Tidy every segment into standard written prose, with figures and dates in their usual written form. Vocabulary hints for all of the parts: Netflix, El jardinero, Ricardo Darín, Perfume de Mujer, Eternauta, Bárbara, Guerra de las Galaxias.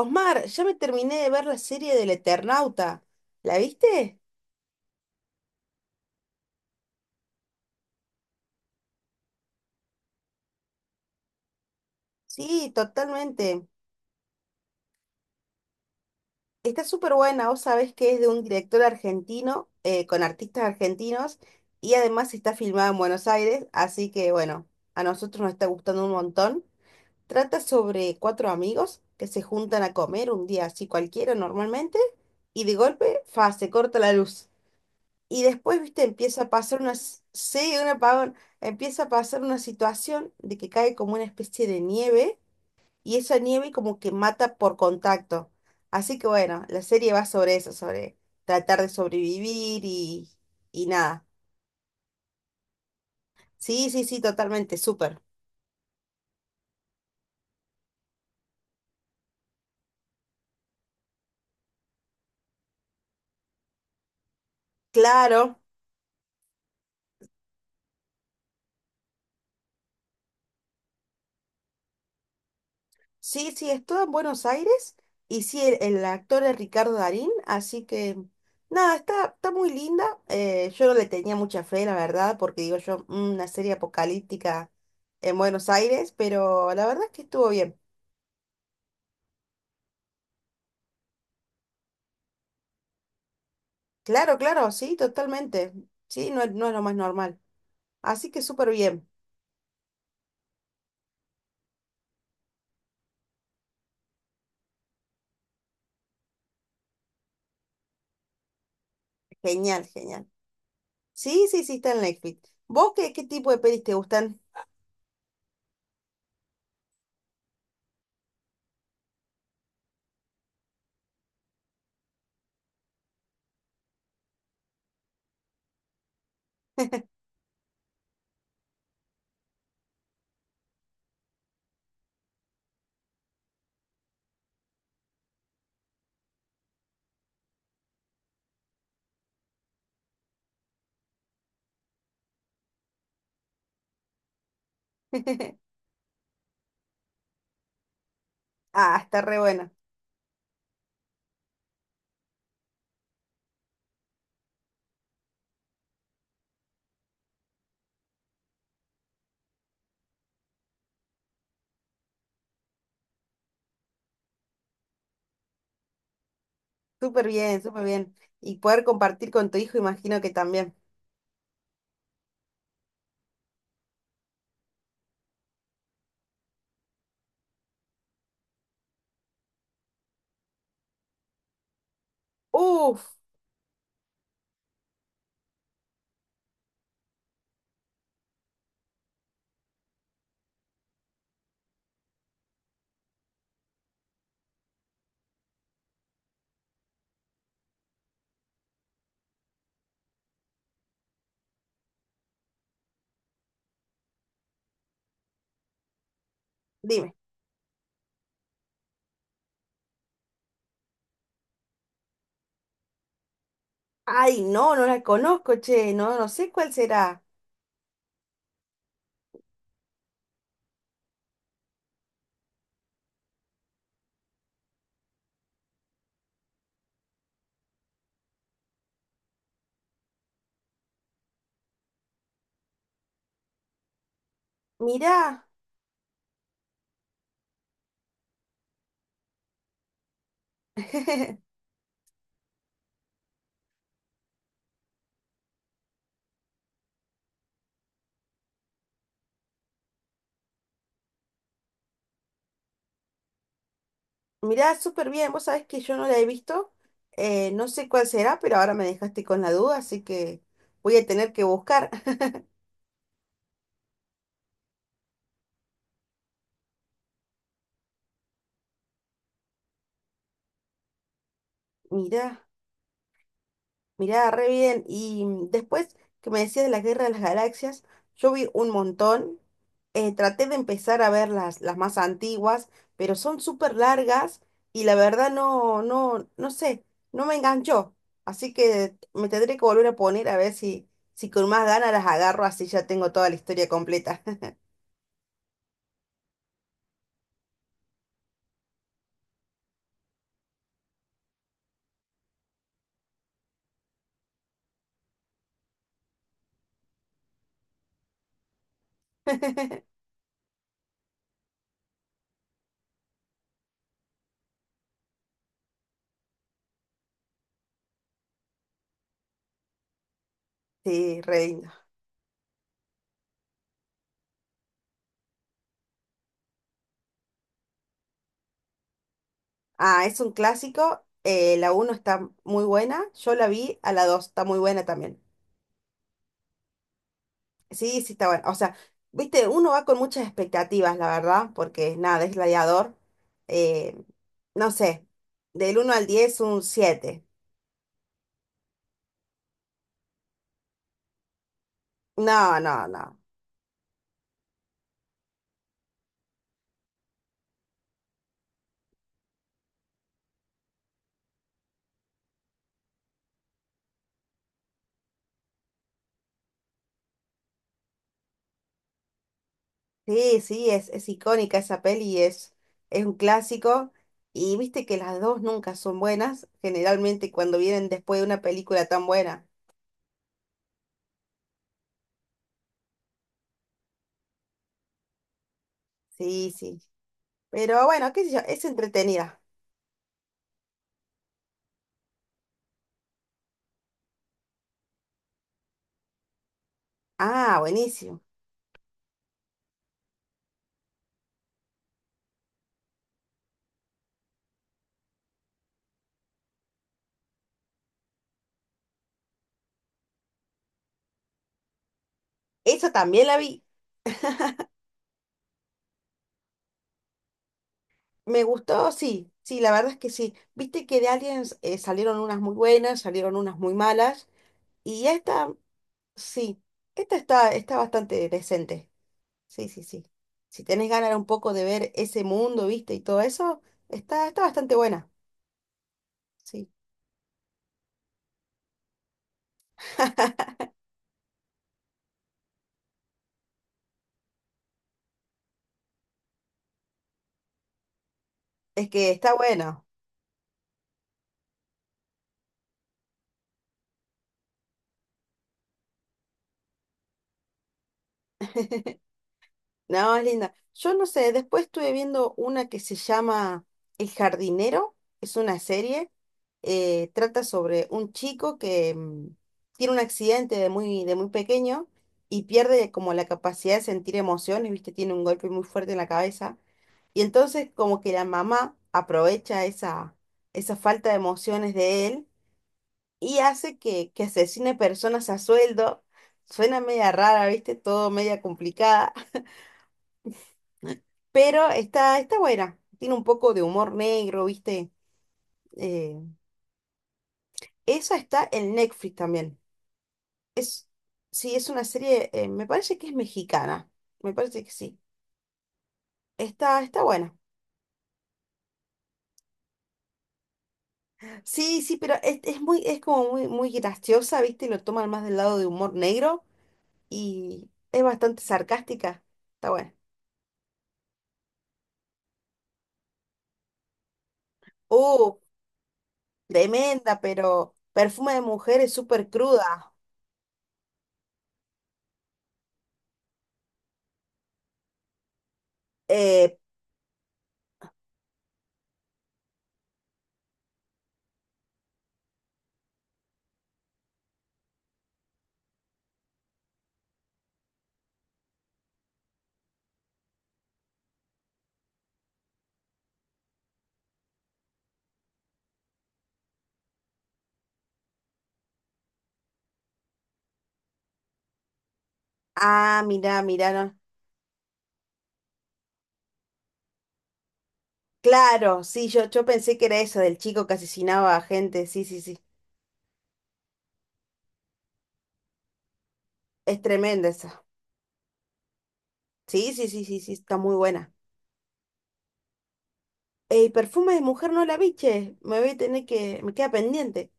Osmar, ya me terminé de ver la serie del Eternauta. ¿La viste? Sí, totalmente. Está súper buena. Vos sabés que es de un director argentino, con artistas argentinos, y además está filmada en Buenos Aires, así que bueno, a nosotros nos está gustando un montón. Trata sobre cuatro amigos que se juntan a comer un día así cualquiera normalmente, y de golpe, fa, se corta la luz. Y después, viste, empieza a pasar sí, un apagón, empieza a pasar una situación de que cae como una especie de nieve y esa nieve como que mata por contacto. Así que bueno, la serie va sobre eso, sobre tratar de sobrevivir y nada. Sí, totalmente, súper. Claro. Sí, sí, es todo en Buenos Aires y sí, el actor es Ricardo Darín, así que nada, está muy linda. Eh, yo no le tenía mucha fe, la verdad, porque digo yo, "Mm, una serie apocalíptica en Buenos Aires", pero la verdad es que estuvo bien. Claro, claro, sí, totalmente. Sí, no, es- no es lo más normal. Así que súper bien. Genial, genial. Sí, sí, sí, está en Netflix. ¿Vos qué, qué tipo de pelis te gustan? Ah, está re buena. Súper bien, súper bien. Y poder compartir con tu hijo, imagino que también. Uf, dime. Ay, no, no la conozco, che, no, no sé cuál será. Mirá, mirá, súper bien. Vos sabés que yo no la he visto, no sé cuál será, pero ahora me dejaste con la duda, así que voy a tener que buscar. Mirá. Mirá, re bien. Y después que me decías de la Guerra de las Galaxias, yo vi un montón. Traté de empezar a ver las más antiguas, pero son súper largas y la verdad no sé, no me enganchó. Así que me tendré que volver a poner a ver si, si con más ganas las agarro, así ya tengo toda la historia completa. Sí, re lindo. Ah, es un clásico. Eh, la uno está muy buena. Yo la vi, a la 2 está muy buena también. Sí, sí, está bueno. O sea, viste, uno va con muchas expectativas, la verdad, porque nada, es gladiador. Eh, no sé, del uno al 10, un 7. No, no, no. Sí, sí, es icónica esa peli, es un clásico. Y viste que las dos nunca son buenas, generalmente cuando vienen después de una película tan buena. Sí, sí. Pero bueno, qué sé yo, es entretenida. Ah, buenísimo. Eso también la vi. Me gustó, sí, sí, la verdad es que sí. Viste que de Aliens salieron unas muy buenas, salieron unas muy malas, y sí, esta está, está bastante decente. Sí, sí, sí. Si tenés ganas un poco de ver ese mundo, viste, y todo eso, está, está bastante buena. Sí, es que está bueno. No, es linda. Yo no sé, después estuve viendo una que se llama El Jardinero, es una serie, trata sobre un chico que tiene un accidente de muy pequeño y pierde como la capacidad de sentir emociones, ¿viste? Tiene un golpe muy fuerte en la cabeza y entonces como que la mamá aprovecha esa falta de emociones de él y hace que asesine personas a sueldo. Suena media rara, ¿viste? Todo media complicada. Pero está, está buena. Tiene un poco de humor negro, ¿viste? Eh, Esa está en Netflix también. Es, sí, es una serie, me parece que es mexicana. Me parece que sí. Está, está buena. Sí, sí, pero es muy, es como muy, muy graciosa, ¿viste? Lo toman más del lado de humor negro y es bastante sarcástica. Está buena. Uh, tremenda, pero Perfume de Mujer es súper cruda. Eh, mirá, mirá, no, claro, sí, yo pensé que era eso, del chico que asesinaba a gente, sí, sí, sí. Es tremenda esa. Sí, sí, sí, sí, sí, está muy buena. El perfume de mujer no la biche. Me voy a tener que, me queda pendiente.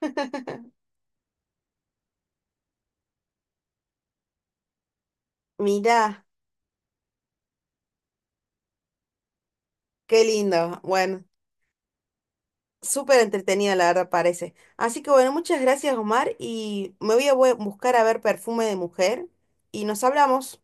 Mirá, qué lindo. Bueno, súper entretenida la verdad parece. Así que bueno, muchas gracias Omar y me voy a bu- buscar a ver perfume de mujer y nos hablamos.